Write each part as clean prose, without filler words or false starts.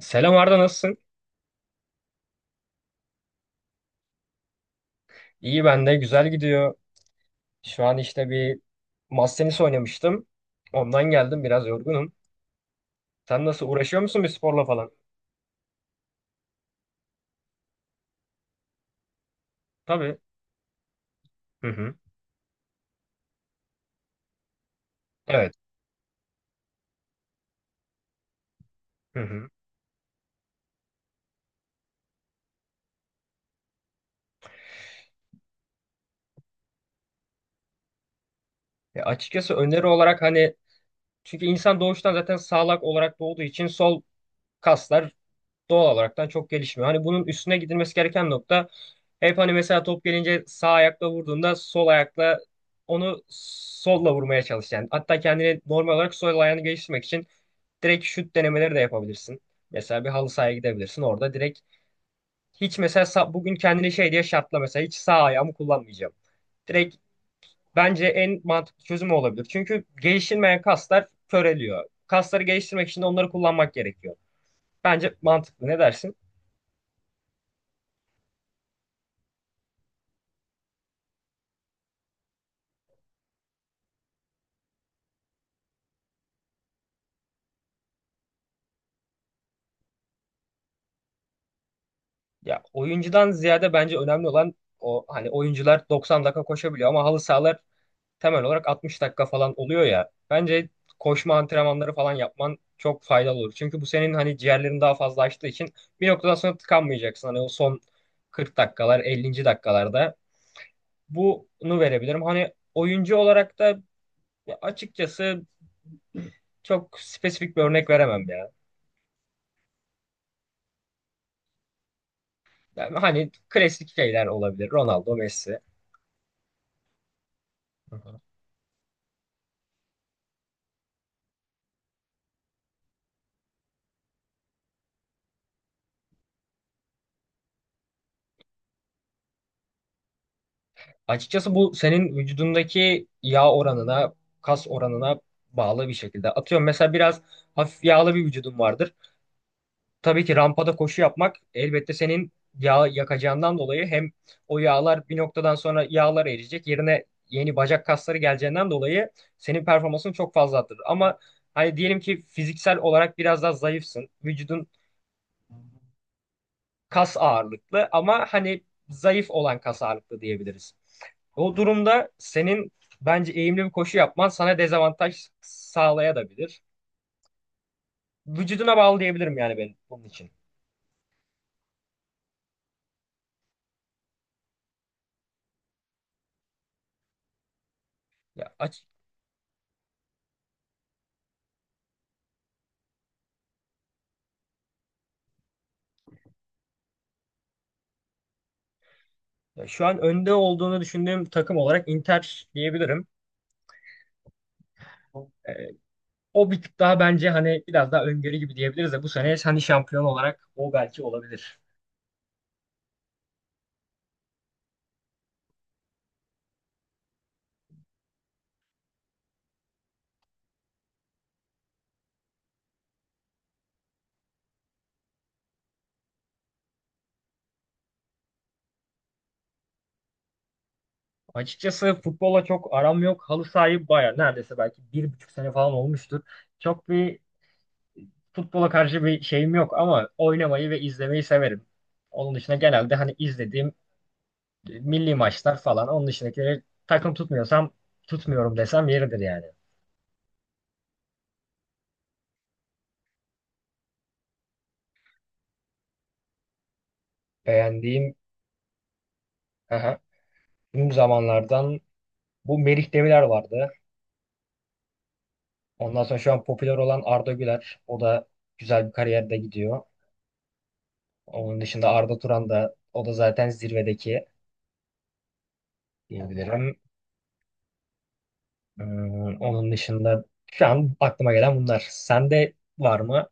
Selam Arda, nasılsın? İyi, ben de güzel gidiyor. Şu an işte bir masa tenisi oynamıştım. Ondan geldim, biraz yorgunum. Sen nasıl, uğraşıyor musun bir sporla falan? Tabii. Hı hı. Evet. Hı hı. Açıkçası öneri olarak hani, çünkü insan doğuştan zaten sağlak olarak doğduğu için sol kaslar doğal olaraktan çok gelişmiyor. Hani bunun üstüne gidilmesi gereken nokta, hep hani mesela top gelince sağ ayakla vurduğunda sol ayakla, onu solla vurmaya çalış yani. Hatta kendini normal olarak sol ayağını geliştirmek için direkt şut denemeleri de yapabilirsin. Mesela bir halı sahaya gidebilirsin. Orada direkt hiç mesela bugün kendini şey diye şartla, mesela hiç sağ ayağımı kullanmayacağım. Direkt, bence en mantıklı çözüm o olabilir. Çünkü geliştirmeyen kaslar köreliyor. Kasları geliştirmek için de onları kullanmak gerekiyor. Bence mantıklı. Ne dersin? Ya, oyuncudan ziyade bence önemli olan, o hani oyuncular 90 dakika koşabiliyor ama halı sahalar temel olarak 60 dakika falan oluyor ya. Bence koşma antrenmanları falan yapman çok faydalı olur. Çünkü bu senin hani ciğerlerin daha fazla açtığı için bir noktadan sonra tıkanmayacaksın. Hani o son 40 dakikalar, 50. dakikalarda bunu verebilirim. Hani oyuncu olarak da açıkçası çok spesifik bir örnek veremem ya. Yani hani klasik şeyler olabilir. Ronaldo, Messi. Hı hı. Açıkçası bu senin vücudundaki yağ oranına, kas oranına bağlı bir şekilde. Atıyorum mesela biraz hafif yağlı bir vücudun vardır. Tabii ki rampada koşu yapmak elbette senin yağ yakacağından dolayı hem o yağlar bir noktadan sonra, yağlar eriyecek. Yerine yeni bacak kasları geleceğinden dolayı senin performansın çok fazla arttırır. Ama hani diyelim ki fiziksel olarak biraz daha zayıfsın. Vücudun kas ağırlıklı ama hani zayıf olan kas ağırlıklı diyebiliriz. O durumda senin bence eğimli bir koşu yapman sana dezavantaj sağlayabilir. Vücuduna bağlı diyebilirim yani ben bunun için. Ya, aç- Ya şu an önde olduğunu düşündüğüm takım olarak Inter diyebilirim. Ee, O bir tık daha bence hani biraz daha öngörü gibi diyebiliriz de bu sene hani şampiyon olarak o belki olabilir. Açıkçası futbola çok aram yok. Halı sahibi baya, neredeyse belki 1,5 sene falan olmuştur. Çok bir futbola karşı bir şeyim yok ama oynamayı ve izlemeyi severim. Onun dışında genelde hani izlediğim milli maçlar falan. Onun dışındakileri takım tutmuyorsam, tutmuyorum desem yeridir yani. Beğendiğim, aha, tüm zamanlardan, bu Melih Demirer vardı. Ondan sonra şu an popüler olan Arda Güler. O da güzel bir kariyerde gidiyor. Onun dışında Arda Turan, da o da zaten zirvedeki diyebilirim. Hmm, onun dışında şu an aklıma gelen bunlar. Sende var mı?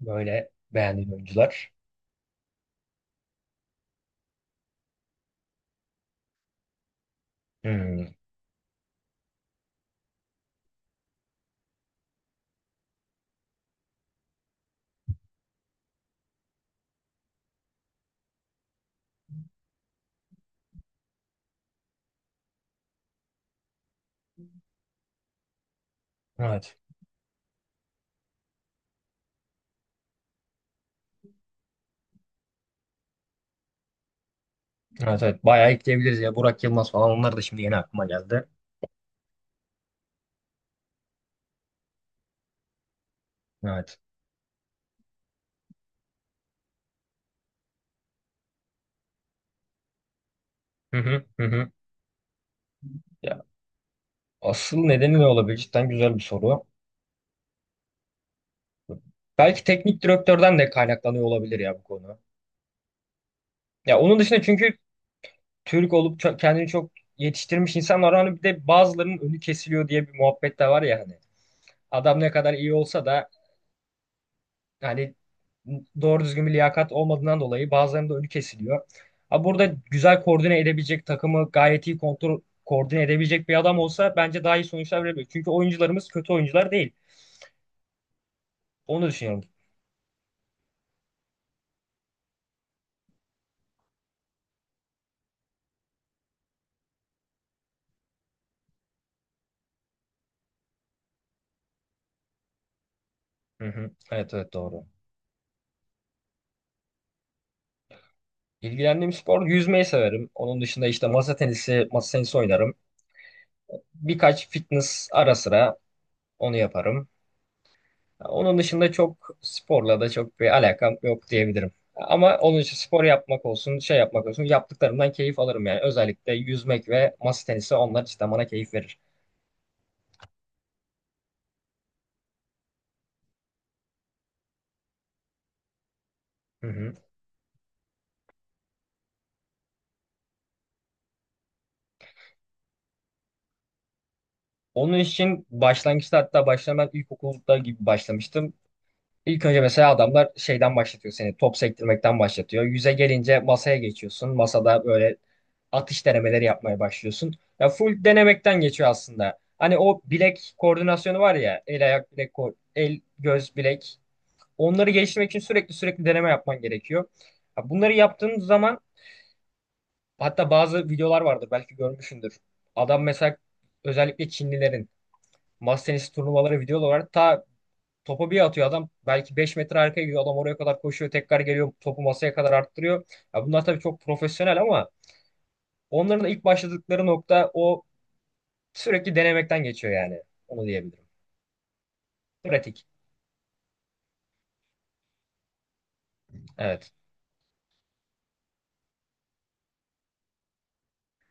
Böyle beğendiğim oyuncular. Hmm. Evet. Evet, evet. Bayağı ekleyebiliriz ya. Burak Yılmaz falan, onlar da şimdi yeni aklıma geldi. Evet. Hı hı hı. Hı. Ya asıl nedeni ne olabilir? Cidden güzel bir soru. Belki teknik direktörden de kaynaklanıyor olabilir ya bu konu. Ya onun dışında, çünkü Türk olup çok kendini çok yetiştirmiş insanlar var. Hani bir de bazılarının önü kesiliyor diye bir muhabbet de var ya hani. Adam ne kadar iyi olsa da, yani doğru düzgün bir liyakat olmadığından dolayı bazılarında önü kesiliyor. Ha burada güzel koordine edebilecek, takımı gayet iyi kontrol koordine edebilecek bir adam olsa bence daha iyi sonuçlar verebilir. Çünkü oyuncularımız kötü oyuncular değil. Onu düşünüyorum. Hı hı. Evet, evet, doğru. İlgilendiğim spor, yüzmeyi severim. Onun dışında işte masa tenisi, masa tenisi oynarım. Birkaç fitness, ara sıra onu yaparım. Onun dışında çok sporla da çok bir alakam yok diyebilirim. Ama onun için spor yapmak olsun, şey yapmak olsun, yaptıklarımdan keyif alırım yani. Özellikle yüzmek ve masa tenisi, onlar cidden bana keyif verir. Hı hı. Onun için başlangıçta, hatta başlamak ilkokulda gibi başlamıştım. İlk önce mesela adamlar şeyden başlatıyor seni. Top sektirmekten başlatıyor. Yüze gelince masaya geçiyorsun. Masada böyle atış denemeleri yapmaya başlıyorsun. Ya full denemekten geçiyor aslında. Hani o bilek koordinasyonu var ya, el ayak bilek el göz bilek. Onları geliştirmek için sürekli deneme yapman gerekiyor. Ya bunları yaptığın zaman, hatta bazı videolar vardır belki görmüşsündür. Adam mesela, özellikle Çinlilerin masa tenisi turnuvaları videoları var. Ta topu bir atıyor adam. Belki 5 metre arkaya gidiyor. Adam oraya kadar koşuyor. Tekrar geliyor. Topu masaya kadar arttırıyor. Ya bunlar tabii çok profesyonel ama onların da ilk başladıkları nokta o, sürekli denemekten geçiyor yani. Onu diyebilirim. Pratik. Evet.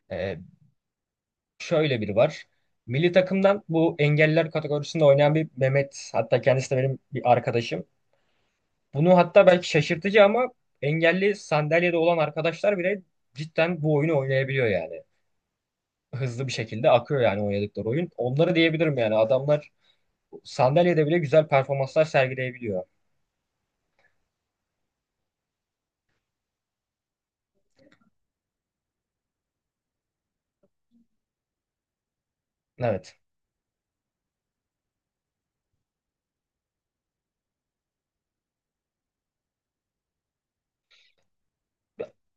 Ee, Şöyle biri var. Milli takımdan bu engelliler kategorisinde oynayan bir Mehmet. Hatta kendisi de benim bir arkadaşım. Bunu, hatta belki şaşırtıcı ama, engelli sandalyede olan arkadaşlar bile cidden bu oyunu oynayabiliyor yani. Hızlı bir şekilde akıyor yani oynadıkları oyun. Onları diyebilirim yani, adamlar sandalyede bile güzel performanslar sergileyebiliyor. Evet.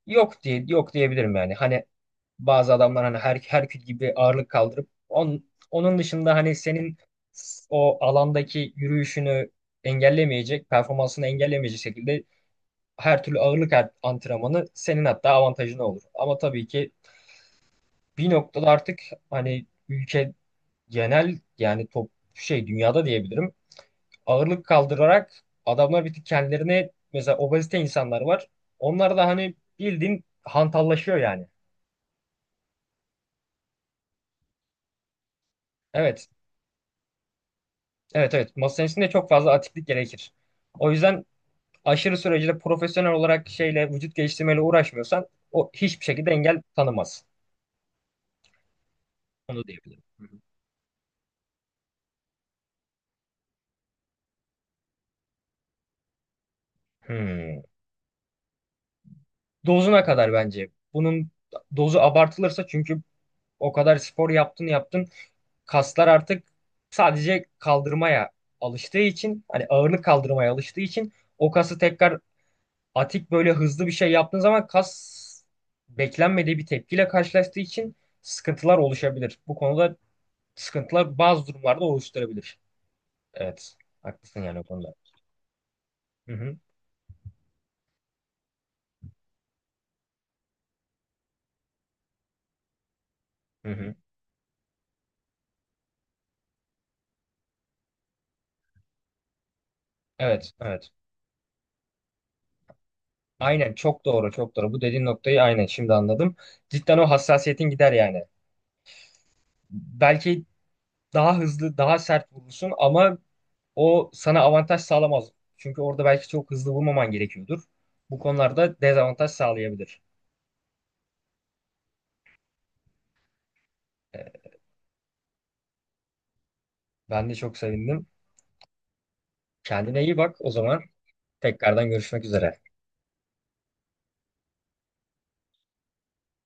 Yok diyebilirim yani. Hani bazı adamlar hani her Herkül gibi ağırlık kaldırıp on, onun dışında hani senin o alandaki yürüyüşünü engellemeyecek, performansını engellemeyecek şekilde her türlü ağırlık antrenmanı senin hatta avantajına olur. Ama tabii ki bir noktada artık hani ülke genel, yani top şey dünyada diyebilirim, ağırlık kaldırarak adamlar bir tık kendilerine, mesela obezite insanlar var. Onlar da hani bildiğin hantallaşıyor yani. Evet. Evet, evet. Masa tenisinde çok fazla atiklik gerekir. O yüzden aşırı sürecinde profesyonel olarak şeyle, vücut geliştirmeyle uğraşmıyorsan o hiçbir şekilde engel tanımaz. Onu diyebilirim. Hı hı. Hmm. Dozuna kadar bence. Bunun dozu abartılırsa, çünkü o kadar spor yaptın yaptın, kaslar artık sadece kaldırmaya alıştığı için, hani ağırlık kaldırmaya alıştığı için, o kası tekrar atik böyle hızlı bir şey yaptığın zaman, kas beklenmediği bir tepkiyle karşılaştığı için sıkıntılar oluşabilir. Bu konuda sıkıntılar bazı durumlarda oluşturabilir. Evet. Haklısın yani o konuda. Hı hı. Hı hı. Evet, evet. Aynen, çok doğru, çok doğru. Bu dediğin noktayı aynen şimdi anladım. Cidden o hassasiyetin gider yani. Belki daha hızlı, daha sert vurursun ama o sana avantaj sağlamaz. Çünkü orada belki çok hızlı vurmaman gerekiyordur. Bu konularda dezavantaj sağlayabilir. Ee, Ben de çok sevindim. Kendine iyi bak o zaman. Tekrardan görüşmek üzere.